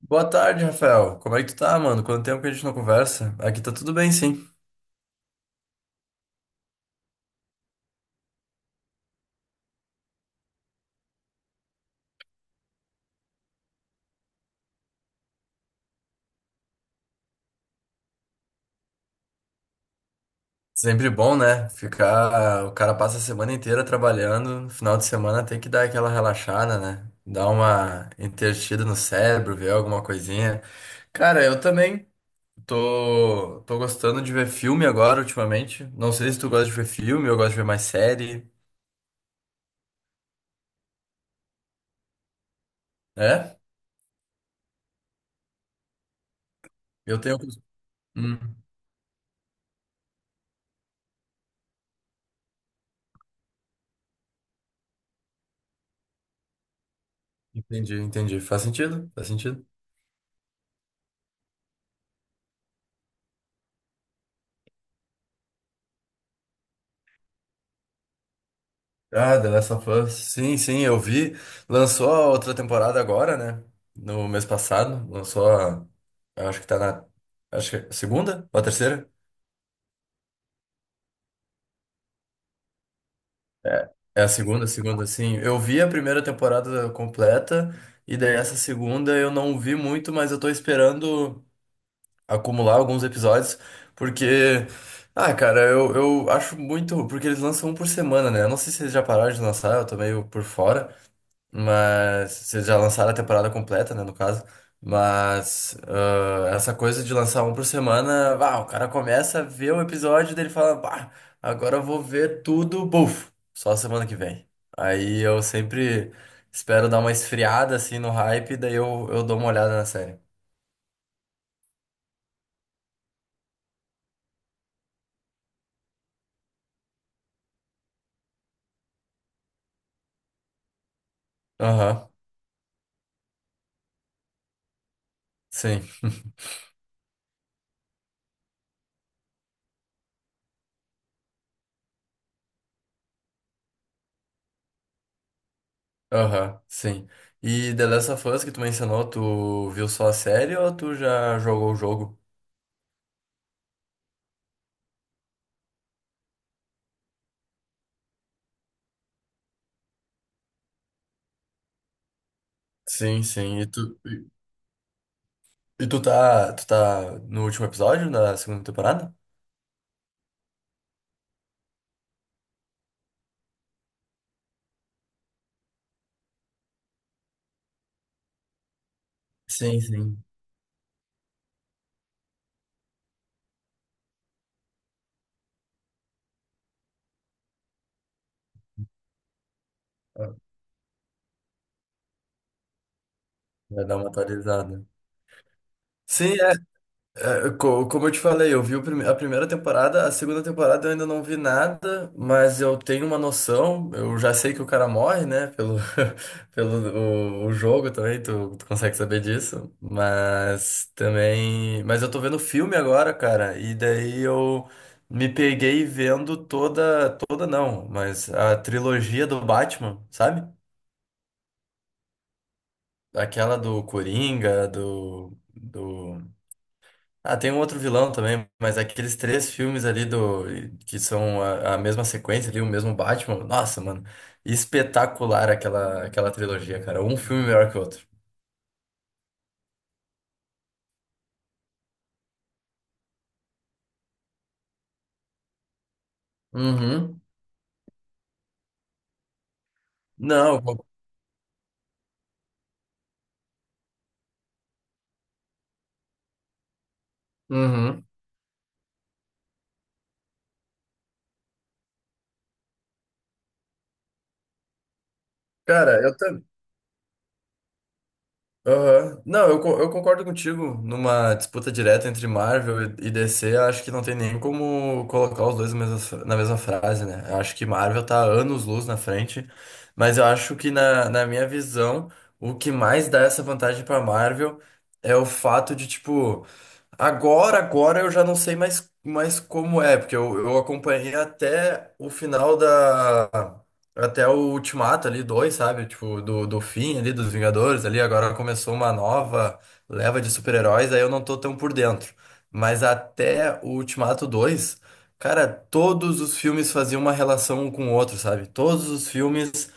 Boa tarde, Rafael. Como é que tu tá, mano? Quanto tempo que a gente não conversa? Aqui tá tudo bem, sim. Sempre bom, né? Ficar. O cara passa a semana inteira trabalhando, no final de semana tem que dar aquela relaxada, né? Dar uma entretida no cérebro, ver alguma coisinha. Cara, eu também tô gostando de ver filme agora, ultimamente. Não sei se tu gosta de ver filme, eu gosto de ver mais série. É? Eu tenho. Hum, entendi, entendi. Faz sentido? Faz sentido. Ah, The Last of Us. Sim, sim, eu vi. Lançou a outra temporada agora, né? No mês passado. Lançou a. Acho que tá na. Acho que é a segunda ou a terceira? É, é a segunda, sim. Eu vi a primeira temporada completa, e daí essa segunda eu não vi muito, mas eu tô esperando acumular alguns episódios, porque. Ah, cara, eu acho muito. Porque eles lançam um por semana, né? Eu não sei se eles já pararam de lançar, eu tô meio por fora. Mas vocês já lançaram a temporada completa, né, no caso. Mas ah, essa coisa de lançar um por semana, o cara começa a ver um episódio dele fala, bah, agora eu vou ver tudo, buf, só semana que vem. Aí eu sempre espero dar uma esfriada assim no hype, daí eu dou uma olhada na série. Aham, sim. Aham, sim. E The Last of Us que tu mencionou, tu viu só a série ou tu já jogou o jogo? Sim, sim. E tu. E tu tá no último episódio da segunda temporada? Sim, sim. Ah, vai dar uma atualizada. Sim, como eu te falei, eu vi a primeira temporada, a segunda temporada eu ainda não vi nada, mas eu tenho uma noção, eu já sei que o cara morre, né? Pelo, pelo o jogo também, tu consegue saber disso. Mas também. Mas eu tô vendo o filme agora, cara, e daí eu me peguei vendo toda. Toda não, mas a trilogia do Batman, sabe? Aquela do Coringa, do. Do Ah, tem um outro vilão também, mas aqueles três filmes ali do que são a mesma sequência ali, o mesmo Batman. Nossa, mano, espetacular aquela trilogia, cara. Um filme melhor que o outro. Uhum. Não. eu Uhum. Cara, eu também. Aham. Não, eu concordo contigo. Numa disputa direta entre Marvel e DC, acho que não tem nem como colocar os dois na mesma frase, né? Eu acho que Marvel tá anos-luz na frente, mas eu acho que, na minha visão, o que mais dá essa vantagem pra Marvel é o fato de, tipo, agora eu já não sei mais como é, porque eu acompanhei até o final até o Ultimato ali, dois, sabe? Tipo, do fim ali, dos Vingadores ali, agora começou uma nova leva de super-heróis, aí eu não tô tão por dentro. Mas até o Ultimato 2 cara, todos os filmes faziam uma relação um com o outro, sabe? Todos os filmes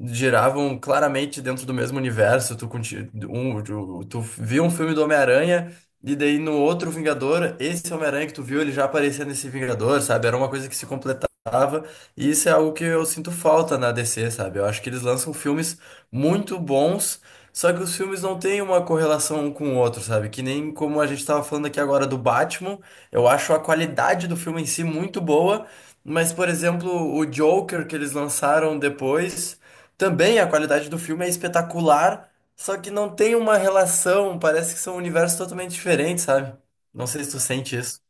giravam claramente dentro do mesmo universo. Tu viu um filme do Homem-Aranha e daí no outro Vingador, esse Homem-Aranha que tu viu, ele já aparecia nesse Vingador, sabe? Era uma coisa que se completava. E isso é algo que eu sinto falta na DC, sabe? Eu acho que eles lançam filmes muito bons, só que os filmes não têm uma correlação um com o outro, sabe? Que nem como a gente tava falando aqui agora do Batman, eu acho a qualidade do filme em si muito boa. Mas, por exemplo, o Joker que eles lançaram depois também a qualidade do filme é espetacular, só que não tem uma relação, parece que são universos totalmente diferentes, sabe? Não sei se tu sente isso.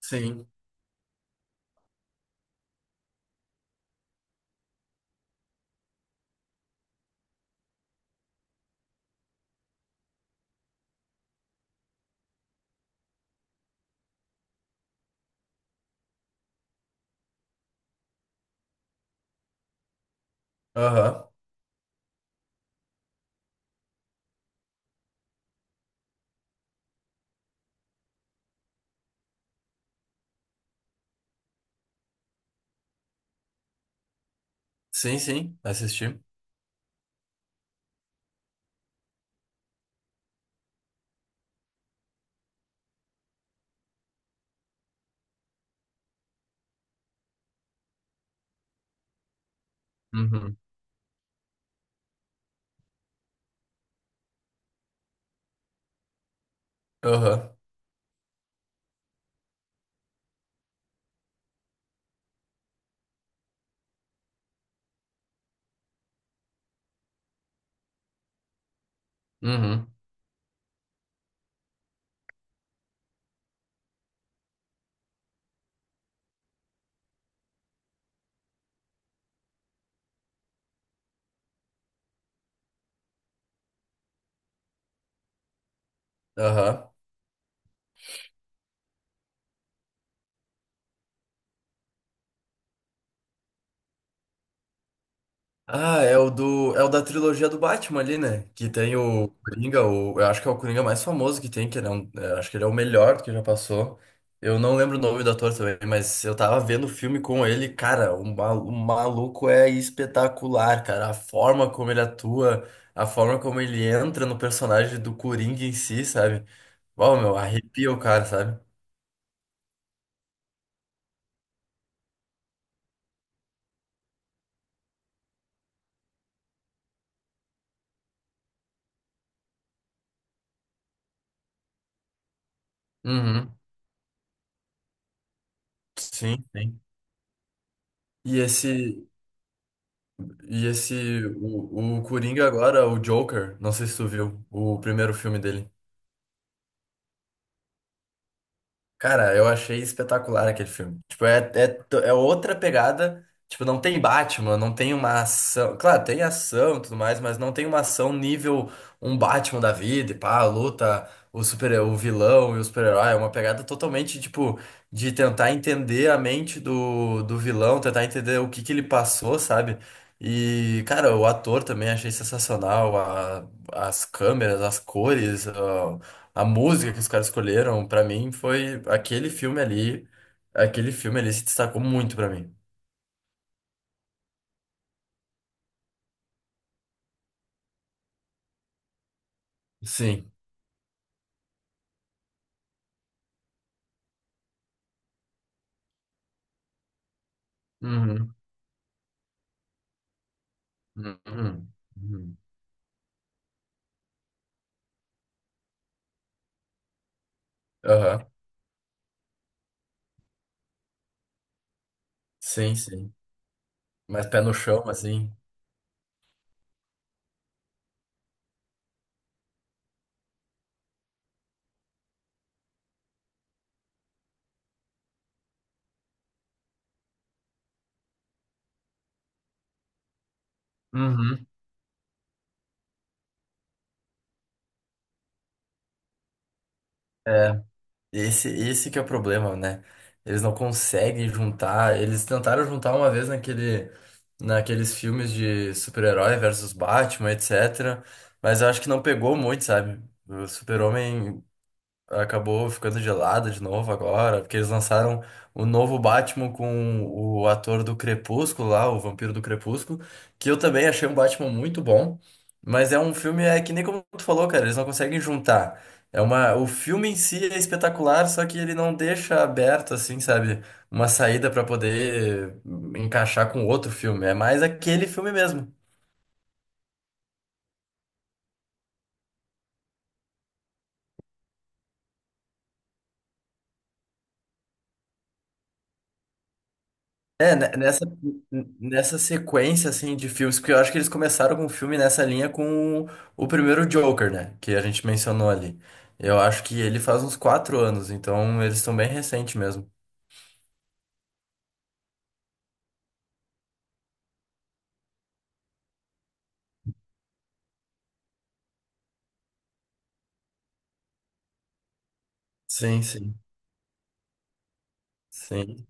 Sim. Aham. Sim, sim, assisti. Uhum. Aham. Uhum. Aham. Ah, é o do, é o da trilogia do Batman ali, né? Que tem o Coringa, o, eu acho que é o Coringa mais famoso que tem, que ele é um, eu acho que ele é o melhor que já passou. Eu não lembro o nome do ator também, mas eu tava vendo o filme com ele, cara, o maluco é espetacular, cara. A forma como ele atua, a forma como ele entra no personagem do Coringa em si, sabe? Uau, meu, arrepia o cara, sabe? Uhum. Sim, sim. E esse. E esse, o Coringa agora, o Joker, não sei se tu viu o primeiro filme dele. Cara, eu achei espetacular aquele filme. Tipo, é outra pegada. Tipo, não tem Batman, não tem uma ação. Claro, tem ação e tudo mais, mas não tem uma ação nível um Batman da vida, e pá, luta, o super, o vilão e o super-herói. É uma pegada totalmente, tipo, de tentar entender a mente do vilão, tentar entender o que que ele passou, sabe? E, cara, o ator também achei sensacional. As câmeras, as cores. A música que os caras escolheram, pra mim, foi aquele filme ali. Aquele filme ali se destacou muito pra mim. Sim. Uhum. Uhum. Uhum. Aham. Sim, sim. Mais pé no chão, assim. Uhum. É. Esse que é o problema, né? Eles não conseguem juntar. Eles tentaram juntar uma vez naquele, naqueles filmes de super-herói versus Batman, etc. Mas eu acho que não pegou muito, sabe? O Super-Homem acabou ficando gelada de novo agora, porque eles lançaram o novo Batman com o ator do Crepúsculo lá, o Vampiro do Crepúsculo, que eu também achei um Batman muito bom, mas é um filme é que nem como tu falou, cara, eles não conseguem juntar. É uma, o filme em si é espetacular, só que ele não deixa aberto assim, sabe, uma saída pra poder encaixar com outro filme. É mais aquele filme mesmo. É, nessa sequência, assim, de filmes, porque eu acho que eles começaram com um filme nessa linha com o primeiro Joker, né? Que a gente mencionou ali. Eu acho que ele faz uns 4 anos, então eles estão bem recentes mesmo. Sim, sim. Sim.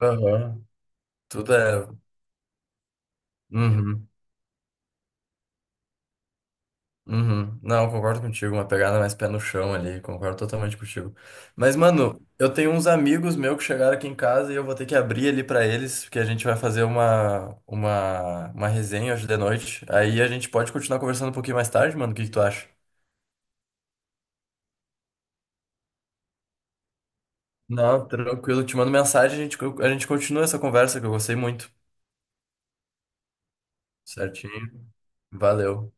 Aham. Tudo é. Uhum. Uhum. Não, concordo contigo, uma pegada mais pé no chão ali, concordo totalmente contigo. Mas, mano, eu tenho uns amigos meus que chegaram aqui em casa e eu vou ter que abrir ali pra eles, porque a gente vai fazer uma resenha hoje de noite. Aí a gente pode continuar conversando um pouquinho mais tarde, mano, o que que tu acha? Não, tranquilo, te mando mensagem, a gente continua essa conversa que eu gostei muito. Certinho, valeu.